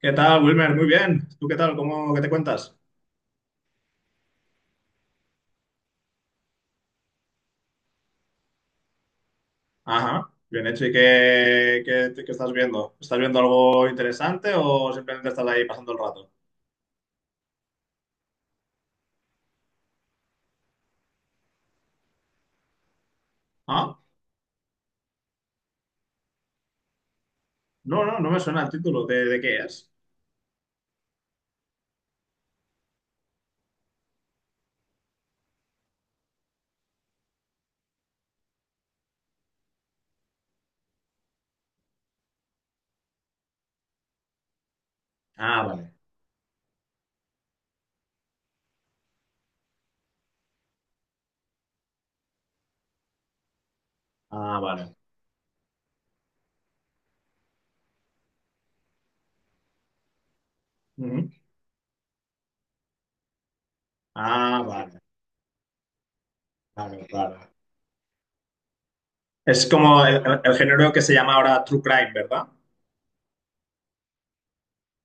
¿Qué tal, Wilmer? Muy bien. ¿Tú qué tal? ¿Qué te cuentas? Ajá, bien hecho. ¿Y qué estás viendo? ¿Estás viendo algo interesante o simplemente estás ahí pasando el rato? ¿Ah? No, no, no me suena el título. ¿De qué es? Ah, vale. Ah, vale. Ujú. Ah, vale. Vale, vale. Es como el género que se llama ahora True Crime, ¿verdad?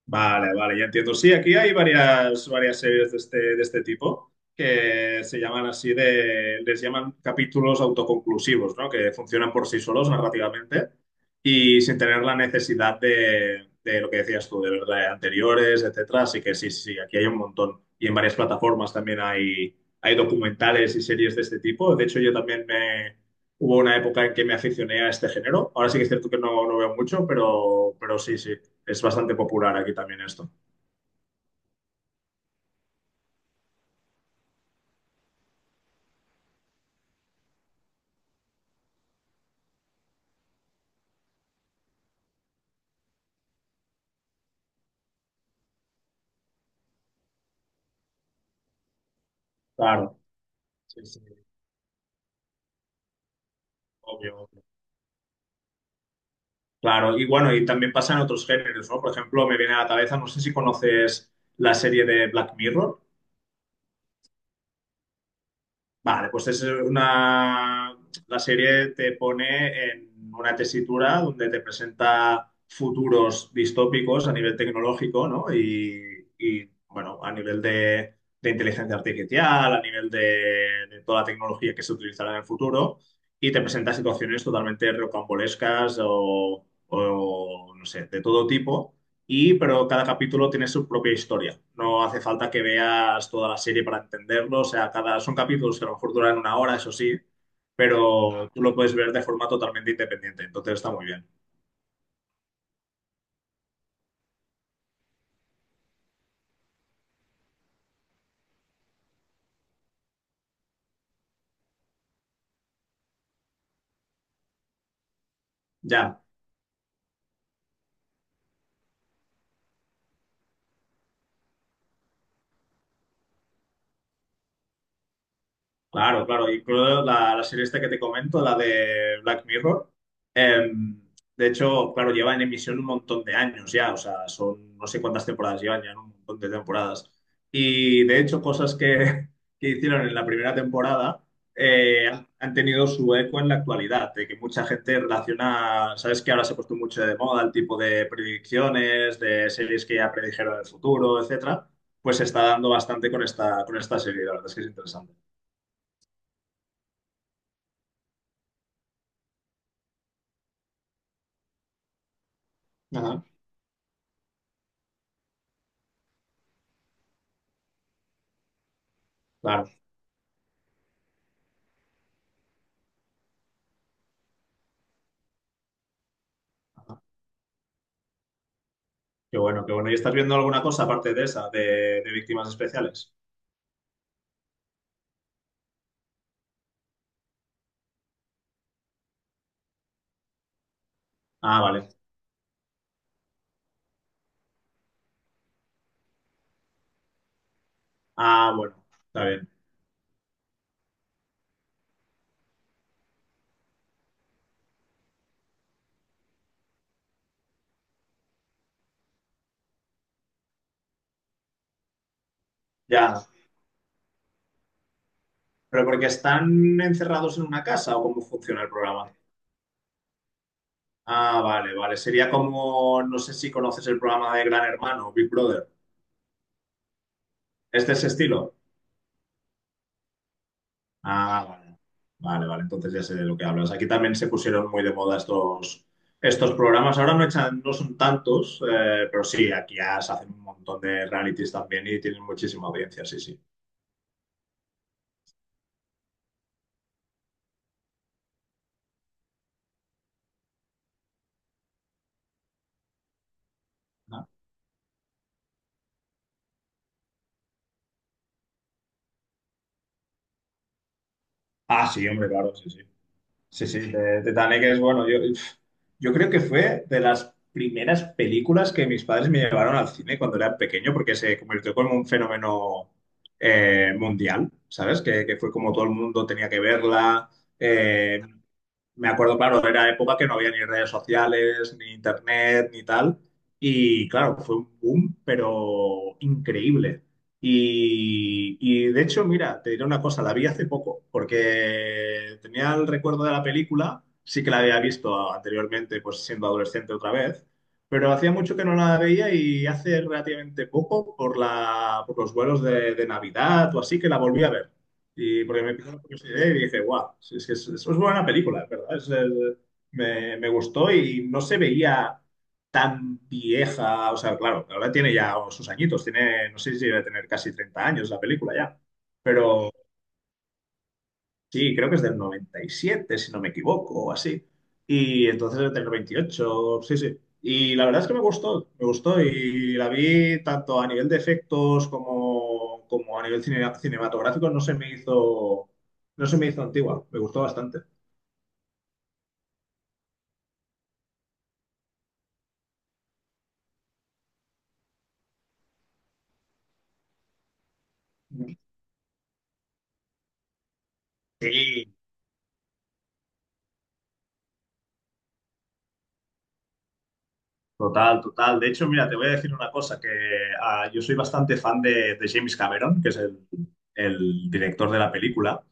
Vale, vale, ya entiendo. Sí, aquí hay varias series de este tipo que se llaman así de, les llaman capítulos autoconclusivos, ¿no? Que funcionan por sí solos narrativamente y sin tener la necesidad de lo que decías tú, de ver de anteriores, etcétera. Así que sí, sí, sí, aquí hay un montón. Y en varias plataformas también hay documentales y series de este tipo. De hecho, hubo una época en que me aficioné a este género. Ahora sí que es cierto que no, no veo mucho, pero sí, sí. Es bastante popular aquí también esto. Claro, sí, sí, obvio, obvio. Claro, y bueno, y también pasa en otros géneros, ¿no? Por ejemplo, me viene a la cabeza, no sé si conoces la serie de Black Mirror. Vale, pues es una... La serie te pone en una tesitura donde te presenta futuros distópicos a nivel tecnológico, ¿no? Y bueno, a nivel de inteligencia artificial, a nivel de toda la tecnología que se utilizará en el futuro, y te presenta situaciones totalmente rocambolescas o no sé, de todo tipo. Y, pero cada capítulo tiene su propia historia. No hace falta que veas toda la serie para entenderlo. O sea, cada, son capítulos que a lo mejor duran una hora, eso sí, pero tú lo puedes ver de forma totalmente independiente. Entonces está muy bien. Ya. Claro, claro. Incluso la serie esta que te comento, la de Black Mirror, eh, de hecho, claro, lleva en emisión un montón de años ya, o sea, son no sé cuántas temporadas llevan ya, ¿no? Un montón de temporadas. Y de hecho, cosas que que hicieron en la primera temporada han tenido su eco en la actualidad, de que mucha gente relaciona, sabes que ahora se ha puesto mucho de moda el tipo de predicciones, de series que ya predijeron el futuro, etcétera, pues se está dando bastante con esta serie, la verdad es que es interesante. Ajá. Claro. Ajá. Qué bueno, qué bueno. ¿Y estás viendo alguna cosa aparte de esa, de, víctimas especiales? Ah, vale. Ah, bueno, está bien. Ya. ¿Pero porque están encerrados en una casa o cómo funciona el programa? Ah, vale, vale. Sería como, no sé si conoces el programa de Gran Hermano, Big Brother. ¿Este es de ese estilo? Ah, vale. Vale, vale. Entonces ya sé de lo que hablas. Aquí también se pusieron muy de moda estos programas. Ahora no echan, no son tantos, pero sí, aquí ya se hacen un montón de realities también y tienen muchísima audiencia, sí, sí. Ajá. Ah, sí, hombre, claro, sí, sí. Sí, sí, Titanic es bueno. Yo creo que fue de las primeras películas que mis padres me llevaron al cine cuando era pequeño, porque se convirtió como un fenómeno mundial, ¿sabes? Que fue como todo el mundo tenía que verla. eh, Me acuerdo, claro, era época que no había ni redes sociales, ni internet, ni tal. Y claro, fue un boom, pero increíble. Y de hecho, mira, te diré una cosa, la vi hace poco, porque tenía el recuerdo de la película, sí que la había visto anteriormente, pues siendo adolescente otra vez, pero hacía mucho que no la veía y hace relativamente poco, por los vuelos de Navidad o así, que la volví a ver. Y porque me pidió la curiosidad y dije, guau, sí, sí, es buena película, ¿verdad? Es, me gustó y no se veía tan vieja. O sea, claro, ahora tiene ya sus añitos, tiene, no sé si debe tener casi 30 años la película ya. Pero, sí, creo que es del 97, si no me equivoco, o así. Y entonces es del 28, sí, sí. Y la verdad es que me gustó y la vi tanto a nivel de efectos como, como a nivel cinematográfico, no se me hizo antigua, me gustó bastante. Sí, total, total. De hecho, mira, te voy a decir una cosa, que ah, yo soy bastante fan de, James Cameron, que es el director de la película,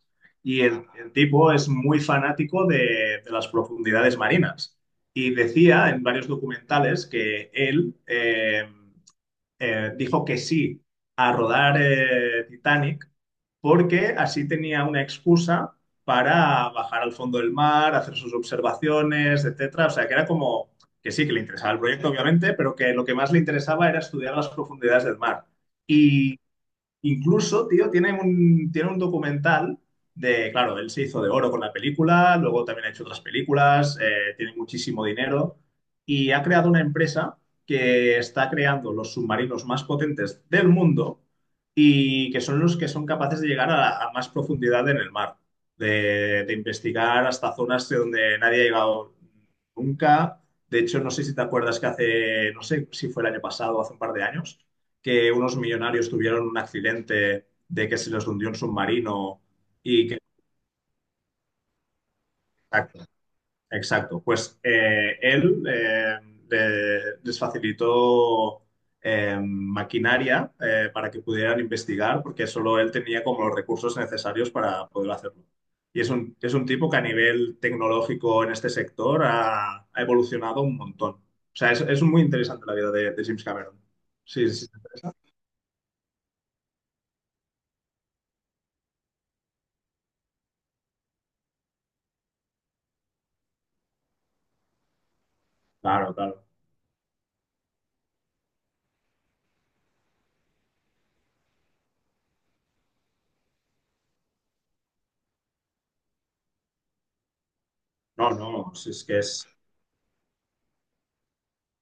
y el tipo es muy fanático de, las profundidades marinas. Y decía en varios documentales que él dijo que sí a rodar Titanic porque así tenía una excusa para bajar al fondo del mar, hacer sus observaciones, etcétera. O sea, que era como que sí, que le interesaba el proyecto, obviamente, pero que lo que más le interesaba era estudiar las profundidades del mar. Incluso, tío, tiene un documental de, claro, él se hizo de oro con la película, luego también ha hecho otras películas, tiene muchísimo dinero y ha creado una empresa que está creando los submarinos más potentes del mundo y que son los que son capaces de llegar a, más profundidad en el mar, de, investigar hasta zonas de donde nadie ha llegado nunca. De hecho, no sé si te acuerdas que hace, no sé si fue el año pasado o hace un par de años que unos millonarios tuvieron un accidente de que se les hundió un submarino y que... Exacto, exacto. Pues él les facilitó maquinaria para que pudieran investigar, porque solo él tenía como los recursos necesarios para poder hacerlo. Y es un, tipo que a nivel tecnológico en este sector ha evolucionado un montón. O sea, es muy interesante la vida de, James Cameron. Sí, sí, sí. Claro, claro. No, no, si es que es,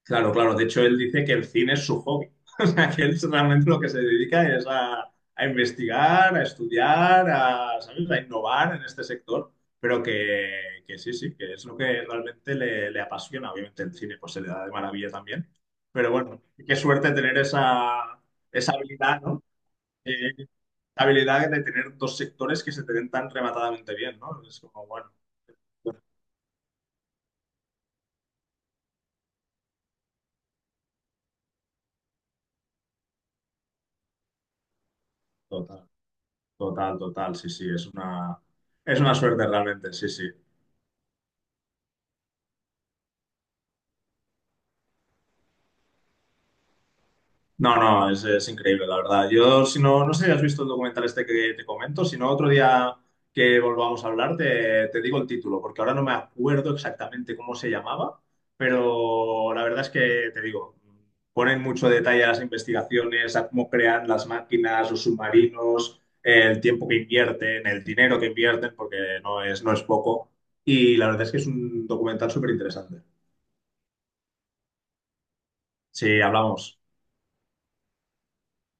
claro, claro. De hecho, él dice que el cine es su hobby. O sea, que él es realmente lo que se dedica es a, investigar, a estudiar, a, ¿sabes? A innovar en este sector. Pero que sí, sí, que es lo que realmente le apasiona. Obviamente el cine pues se le da de maravilla también. Pero bueno, qué suerte tener esa, esa habilidad, ¿no? Eh, la habilidad de tener dos sectores que se te den tan rematadamente bien, ¿no? Es como, bueno, total, total, total, sí, sí, es una suerte realmente, sí, sí. No, no, es increíble, la verdad. Yo, si no, no sé si has visto el documental este que te comento, si no, otro día que volvamos a hablar te digo el título, porque ahora no me acuerdo exactamente cómo se llamaba, pero la verdad es que te digo, ponen mucho detalle a las investigaciones, a cómo crean las máquinas, los submarinos, el tiempo que invierten, el dinero que invierten, porque no es poco. Y la verdad es que es un documental súper interesante. Sí, hablamos.